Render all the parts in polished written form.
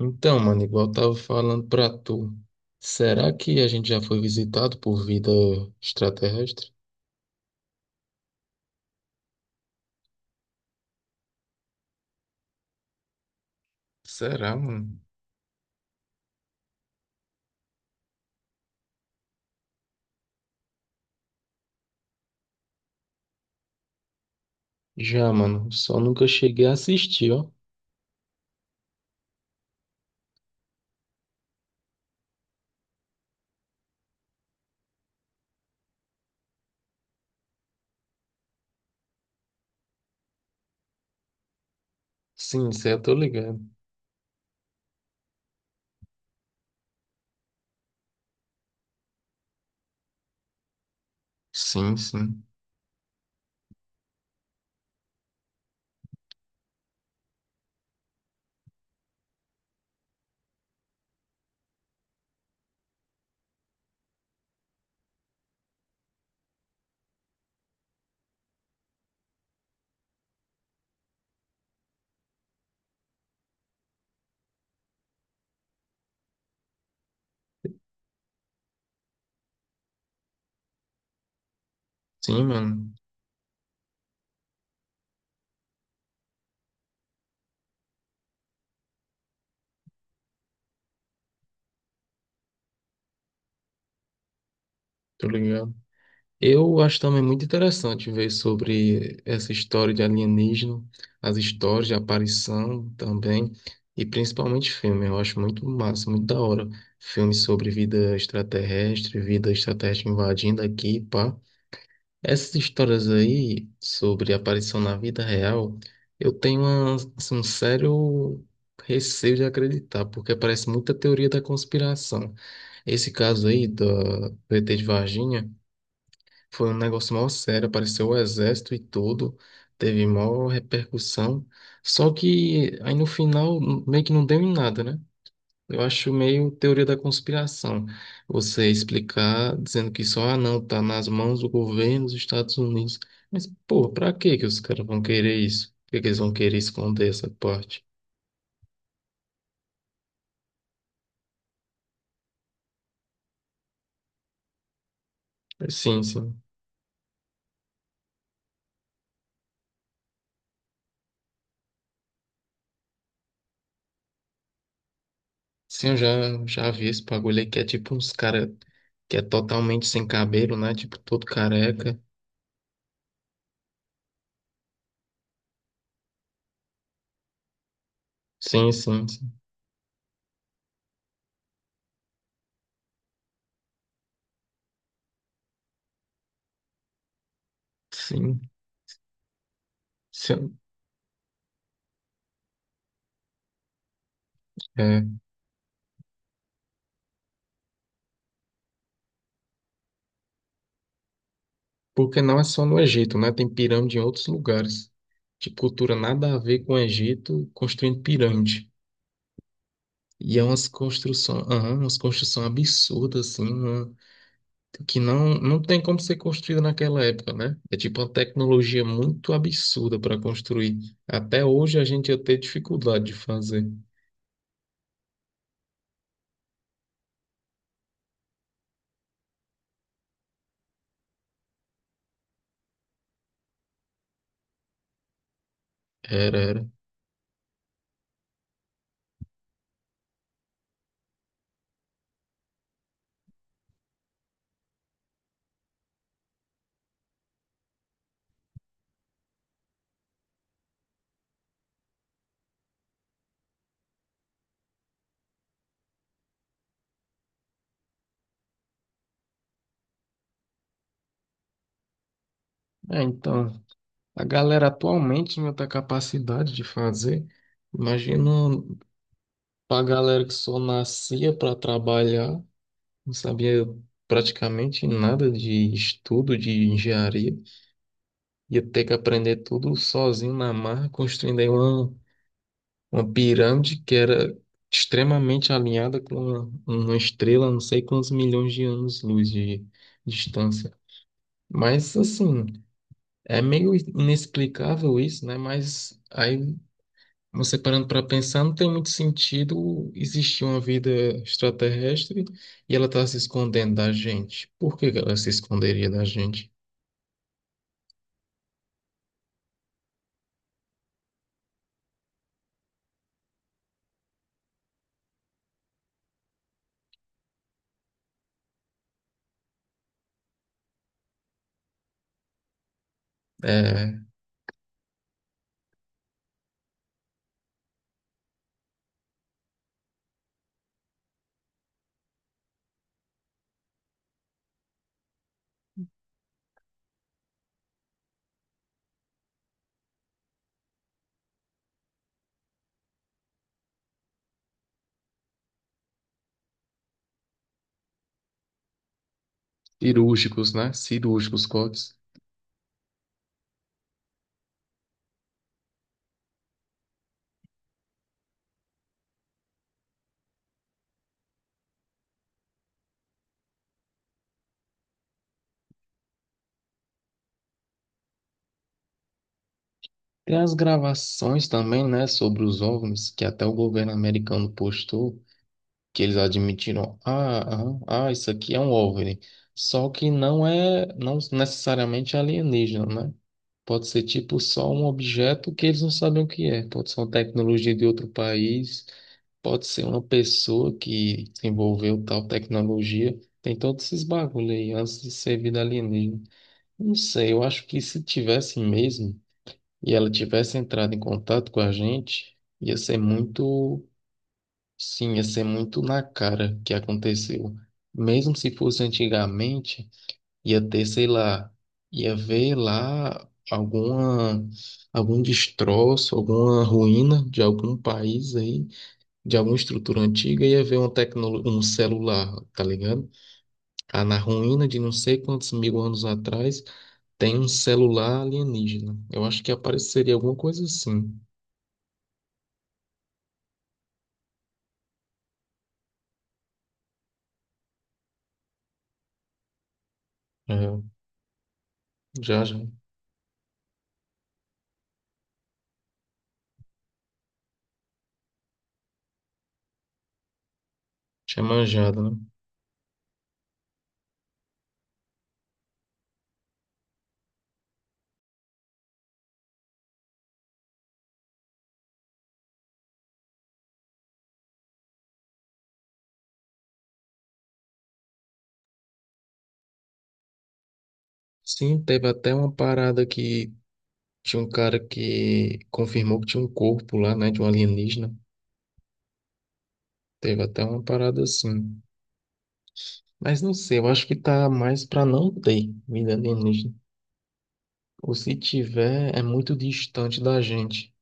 Então, mano, igual eu tava falando pra tu, será que a gente já foi visitado por vida extraterrestre? Será, mano? Já, mano, só nunca cheguei a assistir, ó. Sim, isso aí eu tô ligado. Sim, sim. Sim, mano, tô ligado. Eu acho também muito interessante ver sobre essa história de alienígena, as histórias de aparição também, e principalmente filme. Eu acho muito massa, muito da hora. Filmes sobre vida extraterrestre invadindo aqui, pá. Essas histórias aí sobre aparição na vida real, eu tenho assim, um sério receio de acreditar, porque parece muita teoria da conspiração. Esse caso aí do ET de Varginha. Foi um negócio mal sério, apareceu o exército e tudo, teve maior repercussão. Só que aí no final meio que não deu em nada, né? Eu acho meio teoria da conspiração. Você explicar dizendo que só, ah, não, tá nas mãos do governo dos Estados Unidos. Mas, pô, pra que que os caras vão querer isso? Por que que eles vão querer esconder essa parte? Sim, sim. Sim, eu já vi esse bagulho aí que é tipo uns caras que é totalmente sem cabelo, né? Tipo, todo careca. Sim, sim, sim. Sim, se é, porque não é só no Egito, né? Tem pirâmide em outros lugares. De cultura nada a ver com o Egito, construindo pirâmide. E é umas construções absurdas, assim, que não tem como ser construída naquela época, né? É tipo uma tecnologia muito absurda para construir. Até hoje a gente ia ter dificuldade de fazer. Era, era. É, então, a galera atualmente não tem a capacidade de fazer. Imagina. Pra galera que só nascia para trabalhar, não sabia praticamente nada de estudo de engenharia, ia ter que aprender tudo sozinho na marra, construindo aí uma pirâmide que era extremamente alinhada com uma estrela, não sei quantos milhões de anos-luz de distância. Mas assim, é meio inexplicável isso, né? Mas aí, você parando para pensar, não tem muito sentido existir uma vida extraterrestre e ela está se escondendo da gente. Por que que ela se esconderia da gente? É, cirúrgicos, né? Cirúrgicos cortes. Tem as gravações também, né, sobre os OVNIs, que até o governo americano postou, que eles admitiram, isso aqui é um OVNI. Só que não é, não necessariamente alienígena, né? Pode ser tipo só um objeto que eles não sabem o que é. Pode ser uma tecnologia de outro país, pode ser uma pessoa que desenvolveu tal tecnologia. Tem todos esses bagulho aí antes de ser vida alienígena. Não sei, eu acho que se tivesse mesmo e ela tivesse entrado em contato com a gente, ia ser muito. Sim, ia ser muito na cara que aconteceu. Mesmo se fosse antigamente, ia ter, sei lá, ia ver lá alguma, algum destroço, alguma ruína de algum país aí, de alguma estrutura antiga, ia ver uma um celular, tá ligado? Ah, na ruína de não sei quantos mil anos atrás, tem um celular alienígena. Eu acho que apareceria alguma coisa assim. É, já, já. Tinha manjado, né? Sim, teve até uma parada que tinha um cara que confirmou que tinha um corpo lá, né, de um alienígena. Teve até uma parada assim. Mas não sei, eu acho que tá mais pra não ter vida alienígena. Ou se tiver, é muito distante da gente.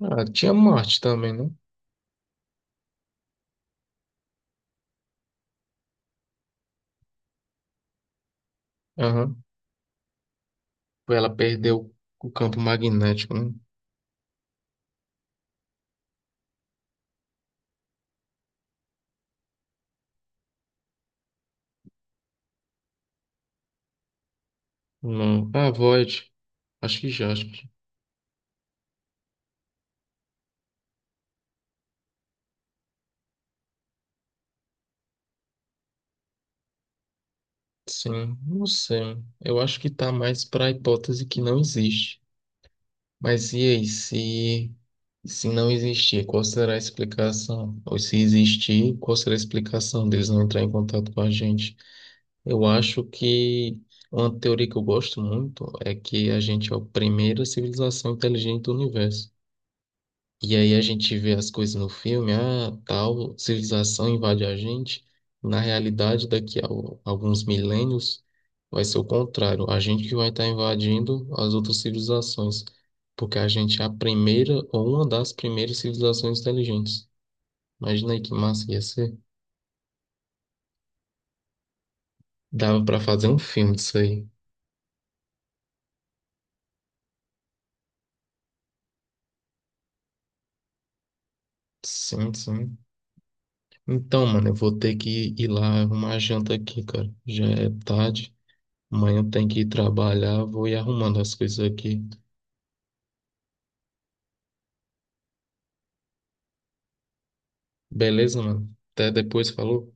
Ah, tinha Marte também, né? Aham. Ela perdeu o campo magnético, né? Não. Ah, Void. Acho que já, acho que. Sim, não sei. Eu acho que tá mais pra hipótese que não existe. Mas e aí, se não existir, qual será a explicação? Ou se existir, qual será a explicação deles não entrar em contato com a gente? Eu acho que uma teoria que eu gosto muito é que a gente é a primeira civilização inteligente do universo. E aí a gente vê as coisas no filme, ah, tal civilização invade a gente. Na realidade, daqui a alguns milênios, vai ser o contrário. A gente que vai estar invadindo as outras civilizações, porque a gente é a primeira ou uma das primeiras civilizações inteligentes. Imagina aí que massa que ia ser. Dava pra fazer um filme disso aí. Sim, sim. Então, mano, eu vou ter que ir lá arrumar a janta aqui, cara. Já é tarde. Amanhã tem que ir trabalhar, vou ir arrumando as coisas aqui. Beleza, mano. Até depois, falou.